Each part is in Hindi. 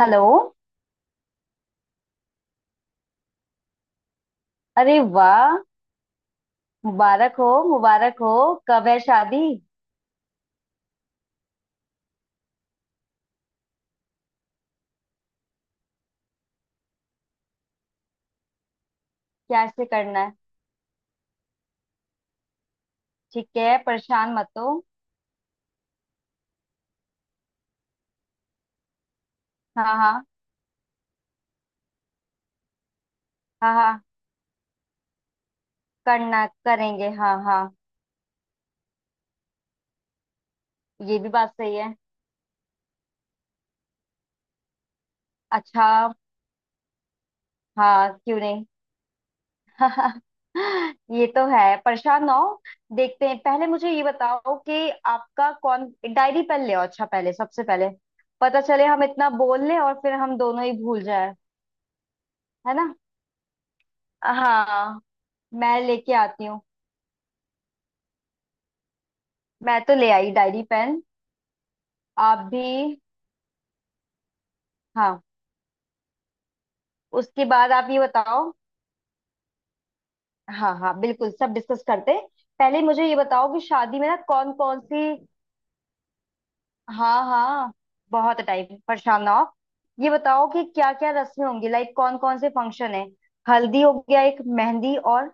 हेलो। अरे वाह, मुबारक हो, मुबारक हो। कब है शादी? कैसे करना है? ठीक है, परेशान मत हो। हाँ हाँ, हाँ हाँ, करना करेंगे, हाँ हाँ। ये भी बात सही है। अच्छा, हाँ क्यों नहीं। ये तो है, परेशान ना हो। देखते हैं, पहले मुझे ये बताओ कि आपका कौन। डायरी पेन ले आओ, अच्छा पहले, सबसे पहले पता चले, हम इतना बोल लें और फिर हम दोनों ही भूल जाए। है ना। हाँ, मैं लेके आती हूँ। मैं तो ले आई डायरी पेन। आप भी। हाँ, उसके बाद आप ये बताओ। हाँ हाँ, बिल्कुल सब डिस्कस करते हैं। पहले मुझे ये बताओ कि शादी में ना कौन कौन सी। हाँ हाँ, बहुत टाइम, परेशान ना हो। ये बताओ कि क्या क्या रस्में होंगी, लाइक कौन कौन से फंक्शन है। हल्दी हो गया, एक मेहंदी, और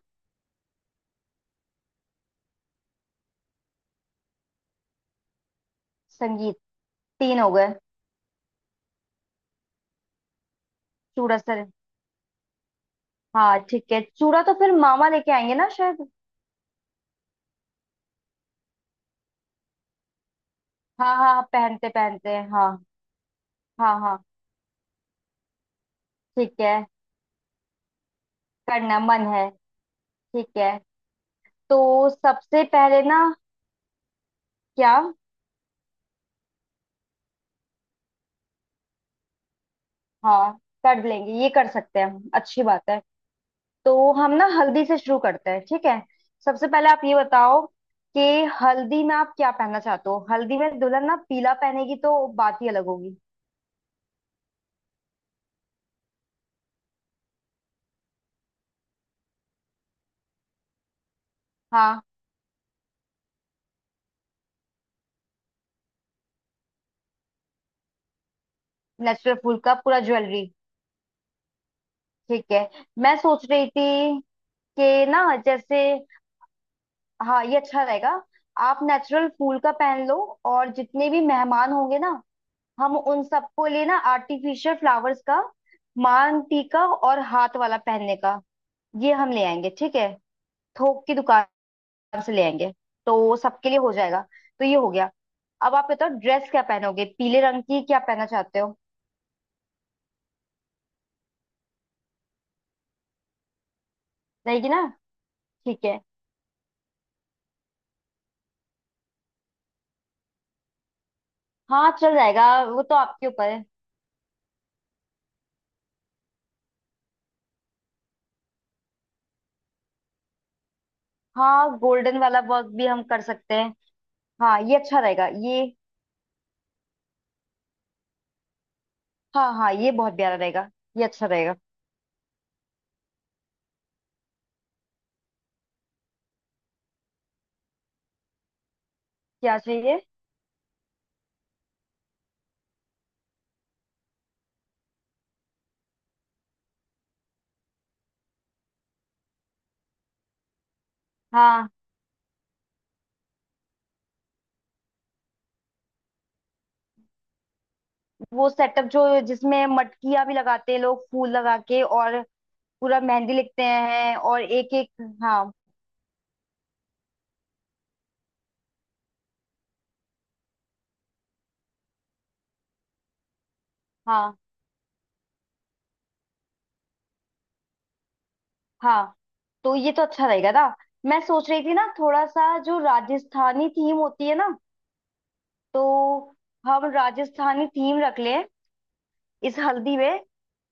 संगीत, तीन हो गए। चूड़ा सर। हाँ ठीक है, चूड़ा तो फिर मामा लेके आएंगे ना शायद। हाँ हाँ, पहनते पहनते, हाँ। हाँ हाँ, ठीक है, करना मन है, ठीक है। तो सबसे पहले ना, क्या। हाँ, कर लेंगे, ये कर सकते हैं हम, अच्छी बात है। तो हम ना हल्दी से शुरू करते हैं, ठीक है। सबसे पहले आप ये बताओ कि हल्दी में आप क्या पहनना चाहते हो। हल्दी में दुल्हन ना पीला पहनेगी तो बात ही अलग होगी। हाँ, नेचुरल फूल का पूरा ज्वेलरी। ठीक है, मैं सोच रही थी कि ना जैसे। हाँ ये अच्छा रहेगा, आप नेचुरल फूल का पहन लो। और जितने भी मेहमान होंगे ना, हम उन सबको लिए ना आर्टिफिशियल फ्लावर्स का मान टीका और हाथ वाला पहनने का, ये हम ले आएंगे, ठीक है। थोक की दुकान से ले आएंगे, तो सबके लिए हो जाएगा। तो ये हो गया। अब आप बताओ, ड्रेस क्या पहनोगे, पीले रंग की क्या पहनना चाहते हो। रहेगी ना, ठीक है। हाँ चल जाएगा, वो तो आपके ऊपर है। हाँ गोल्डन वाला वर्क भी हम कर सकते हैं। हाँ ये अच्छा रहेगा ये। हाँ हाँ, ये बहुत प्यारा रहेगा, ये अच्छा रहेगा। क्या चाहिए? हाँ, वो सेटअप जो जिसमें मटकियां भी लगाते हैं लोग, फूल लगा के, और पूरा मेहंदी लिखते हैं और एक एक। हाँ हाँ हाँ। तो ये तो अच्छा रहेगा ना। मैं सोच रही थी ना, थोड़ा सा जो राजस्थानी थीम होती है ना, तो हम राजस्थानी थीम रख लें इस हल्दी में।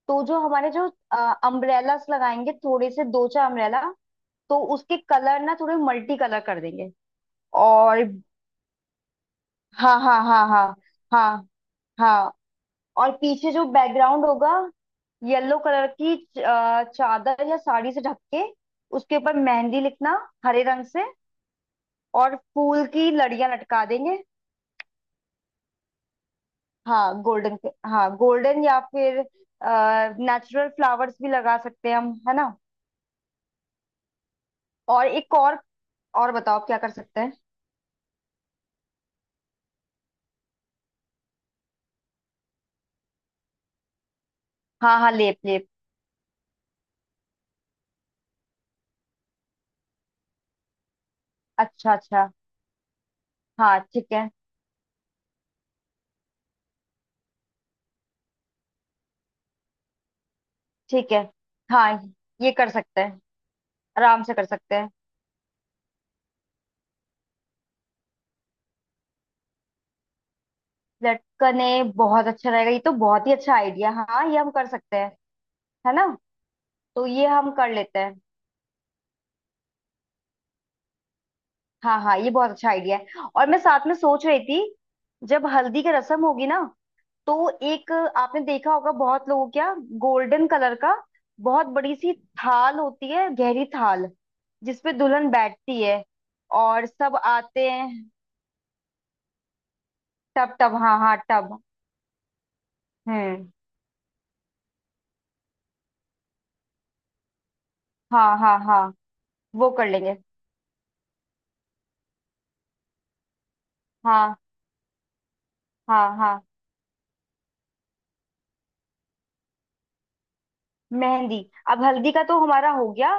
तो जो हमारे जो अम्ब्रेलास लगाएंगे, थोड़े से दो चार अम्ब्रेला, तो उसके कलर ना थोड़े मल्टी कलर कर देंगे। और हाँ हाँ हाँ हाँ, हाँ हाँ। और पीछे जो बैकग्राउंड होगा, येलो कलर की चादर या साड़ी से ढक के, उसके ऊपर मेहंदी लिखना हरे रंग से, और फूल की लड़ियां लटका देंगे। हाँ गोल्डन के, हाँ गोल्डन, या फिर नेचुरल फ्लावर्स भी लगा सकते हैं हम, है ना। और एक और बताओ आप क्या कर सकते हैं। हाँ हाँ, लेप लेप अच्छा अच्छा। हाँ ठीक है, ठीक है हाँ, ये कर सकते हैं, आराम से कर सकते हैं। लटकने बहुत अच्छा रहेगा, ये तो बहुत ही अच्छा आइडिया, हाँ ये हम कर सकते हैं। है ना। तो ये हम कर लेते हैं। हाँ हाँ, ये बहुत अच्छा आइडिया है। और मैं साथ में सोच रही थी, जब हल्दी की रस्म होगी ना, तो एक, आपने देखा होगा बहुत लोगों, क्या, गोल्डन कलर का बहुत बड़ी सी थाल होती है, गहरी थाल, जिसपे दुल्हन बैठती है और सब आते हैं। टब टब, हाँ हाँ टब। हम्म, हाँ हाँ हाँ, वो कर लेंगे। हाँ हाँ हाँ। मेहंदी, अब हल्दी का तो हमारा हो गया।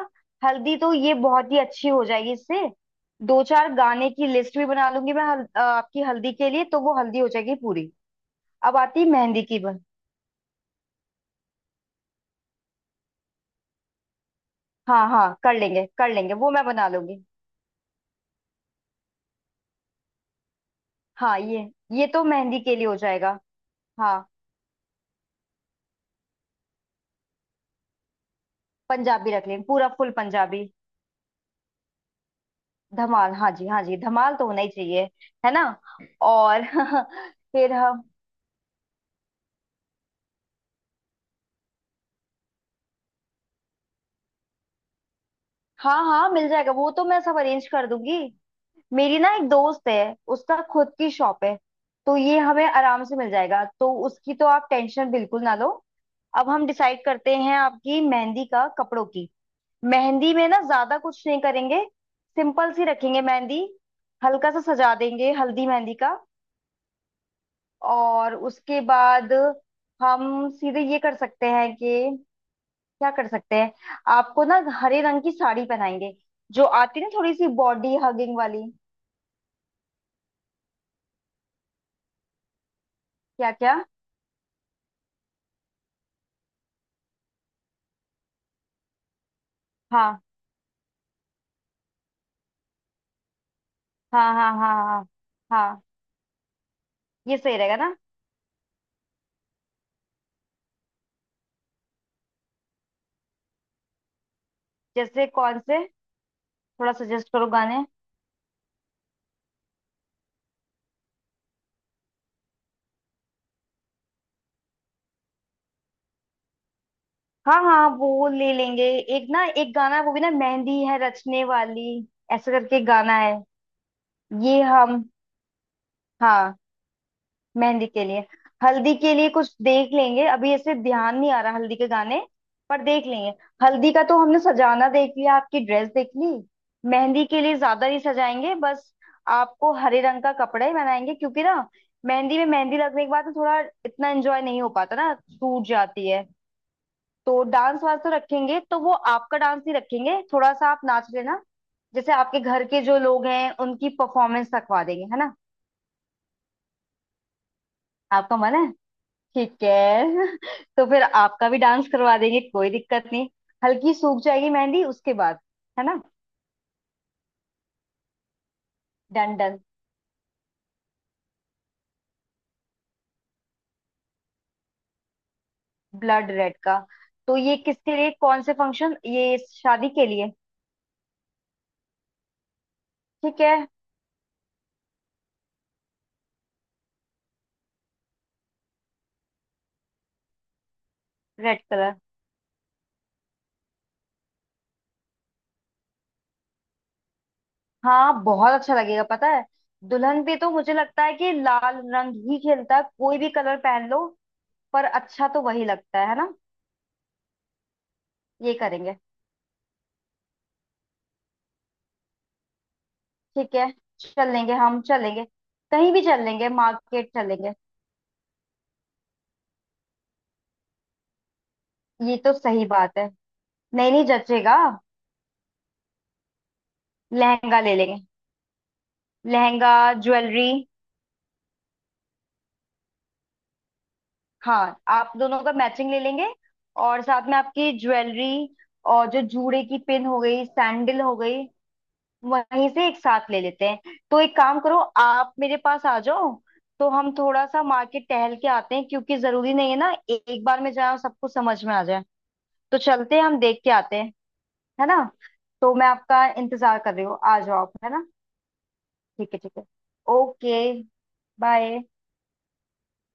हल्दी तो ये बहुत ही अच्छी हो जाएगी इससे। दो चार गाने की लिस्ट भी बना लूंगी मैं आपकी हल्दी के लिए, तो वो हल्दी हो जाएगी पूरी। अब आती है मेहंदी की बन। हाँ हाँ, कर लेंगे, वो मैं बना लूंगी। हाँ ये तो मेहंदी के लिए हो जाएगा। हाँ, पंजाबी रख लेंगे, पूरा फुल पंजाबी। धमाल, हाँ जी हाँ जी, धमाल तो होना ही चाहिए, है ना। और फिर हम, हाँ हाँ मिल जाएगा, वो तो मैं सब अरेंज कर दूंगी। मेरी ना एक दोस्त है, उसका खुद की शॉप है, तो ये हमें आराम से मिल जाएगा, तो उसकी तो आप टेंशन बिल्कुल ना लो। अब हम डिसाइड करते हैं आपकी मेहंदी का, कपड़ों की। मेहंदी में ना ज्यादा कुछ नहीं करेंगे, सिंपल सी रखेंगे मेहंदी, हल्का सा सजा देंगे हल्दी मेहंदी का। और उसके बाद हम सीधे ये कर सकते हैं कि, क्या कर सकते हैं, आपको ना हरे रंग की साड़ी पहनाएंगे, जो आती है ना थोड़ी सी बॉडी हगिंग वाली। क्या क्या। हाँ हाँ हाँ हाँ, हाँ हाँ, ये सही रहेगा ना। जैसे कौन से, थोड़ा सजेस्ट करो गाने। हाँ हाँ, वो ले लेंगे। एक ना एक गाना है, वो भी ना मेहंदी है रचने वाली, ऐसे करके गाना है। ये हम, हाँ, मेहंदी के लिए। हल्दी के लिए कुछ देख लेंगे, अभी ऐसे ध्यान नहीं आ रहा हल्दी के गाने, पर देख लेंगे। हल्दी का तो हमने सजाना देख लिया, आपकी ड्रेस देख ली। मेहंदी के लिए ज्यादा नहीं सजाएंगे बस, आपको हरे रंग का कपड़ा ही बनाएंगे, क्योंकि ना मेहंदी में मेहंदी लगने के बाद ना, थोड़ा इतना एंजॉय नहीं हो पाता ना, सूझ जाती है। तो डांस वांस तो रखेंगे, तो वो आपका डांस नहीं रखेंगे, थोड़ा सा आप नाच लेना। जैसे आपके घर के जो लोग हैं, उनकी परफॉर्मेंस रखवा देंगे, है ना। आपका मन है, ठीक है। तो फिर आपका भी डांस करवा देंगे, कोई दिक्कत नहीं, हल्की सूख जाएगी मेहंदी उसके बाद, है ना। Done done. ब्लड रेड का, तो ये किसके लिए, कौन से फंक्शन, ये शादी के लिए। ठीक है। रेड कलर, हाँ बहुत अच्छा लगेगा, पता है, दुल्हन पे तो मुझे लगता है कि लाल रंग ही खेलता है, कोई भी कलर पहन लो, पर अच्छा तो वही लगता है ना। ये करेंगे, ठीक है, चलेंगे, हम चलेंगे, कहीं भी चलेंगे, मार्केट चलेंगे। ये तो सही बात है, नहीं नहीं जचेगा। लहंगा ले लेंगे, लहंगा, ज्वेलरी। हाँ आप दोनों का मैचिंग ले लेंगे, और साथ में आपकी ज्वेलरी, और जो जूड़े की पिन हो गई, सैंडल हो गई, वहीं से एक साथ ले लेते हैं। तो एक काम करो, आप मेरे पास आ जाओ, तो हम थोड़ा सा मार्केट टहल के आते हैं, क्योंकि जरूरी नहीं है ना एक बार में जाए और सब कुछ समझ में आ जाए। तो चलते हैं, हम देख के आते हैं, है ना। तो मैं आपका इंतजार कर रही हूँ, आ जाओ आप, है ना। ठीक है, ठीक है, ओके। बाय।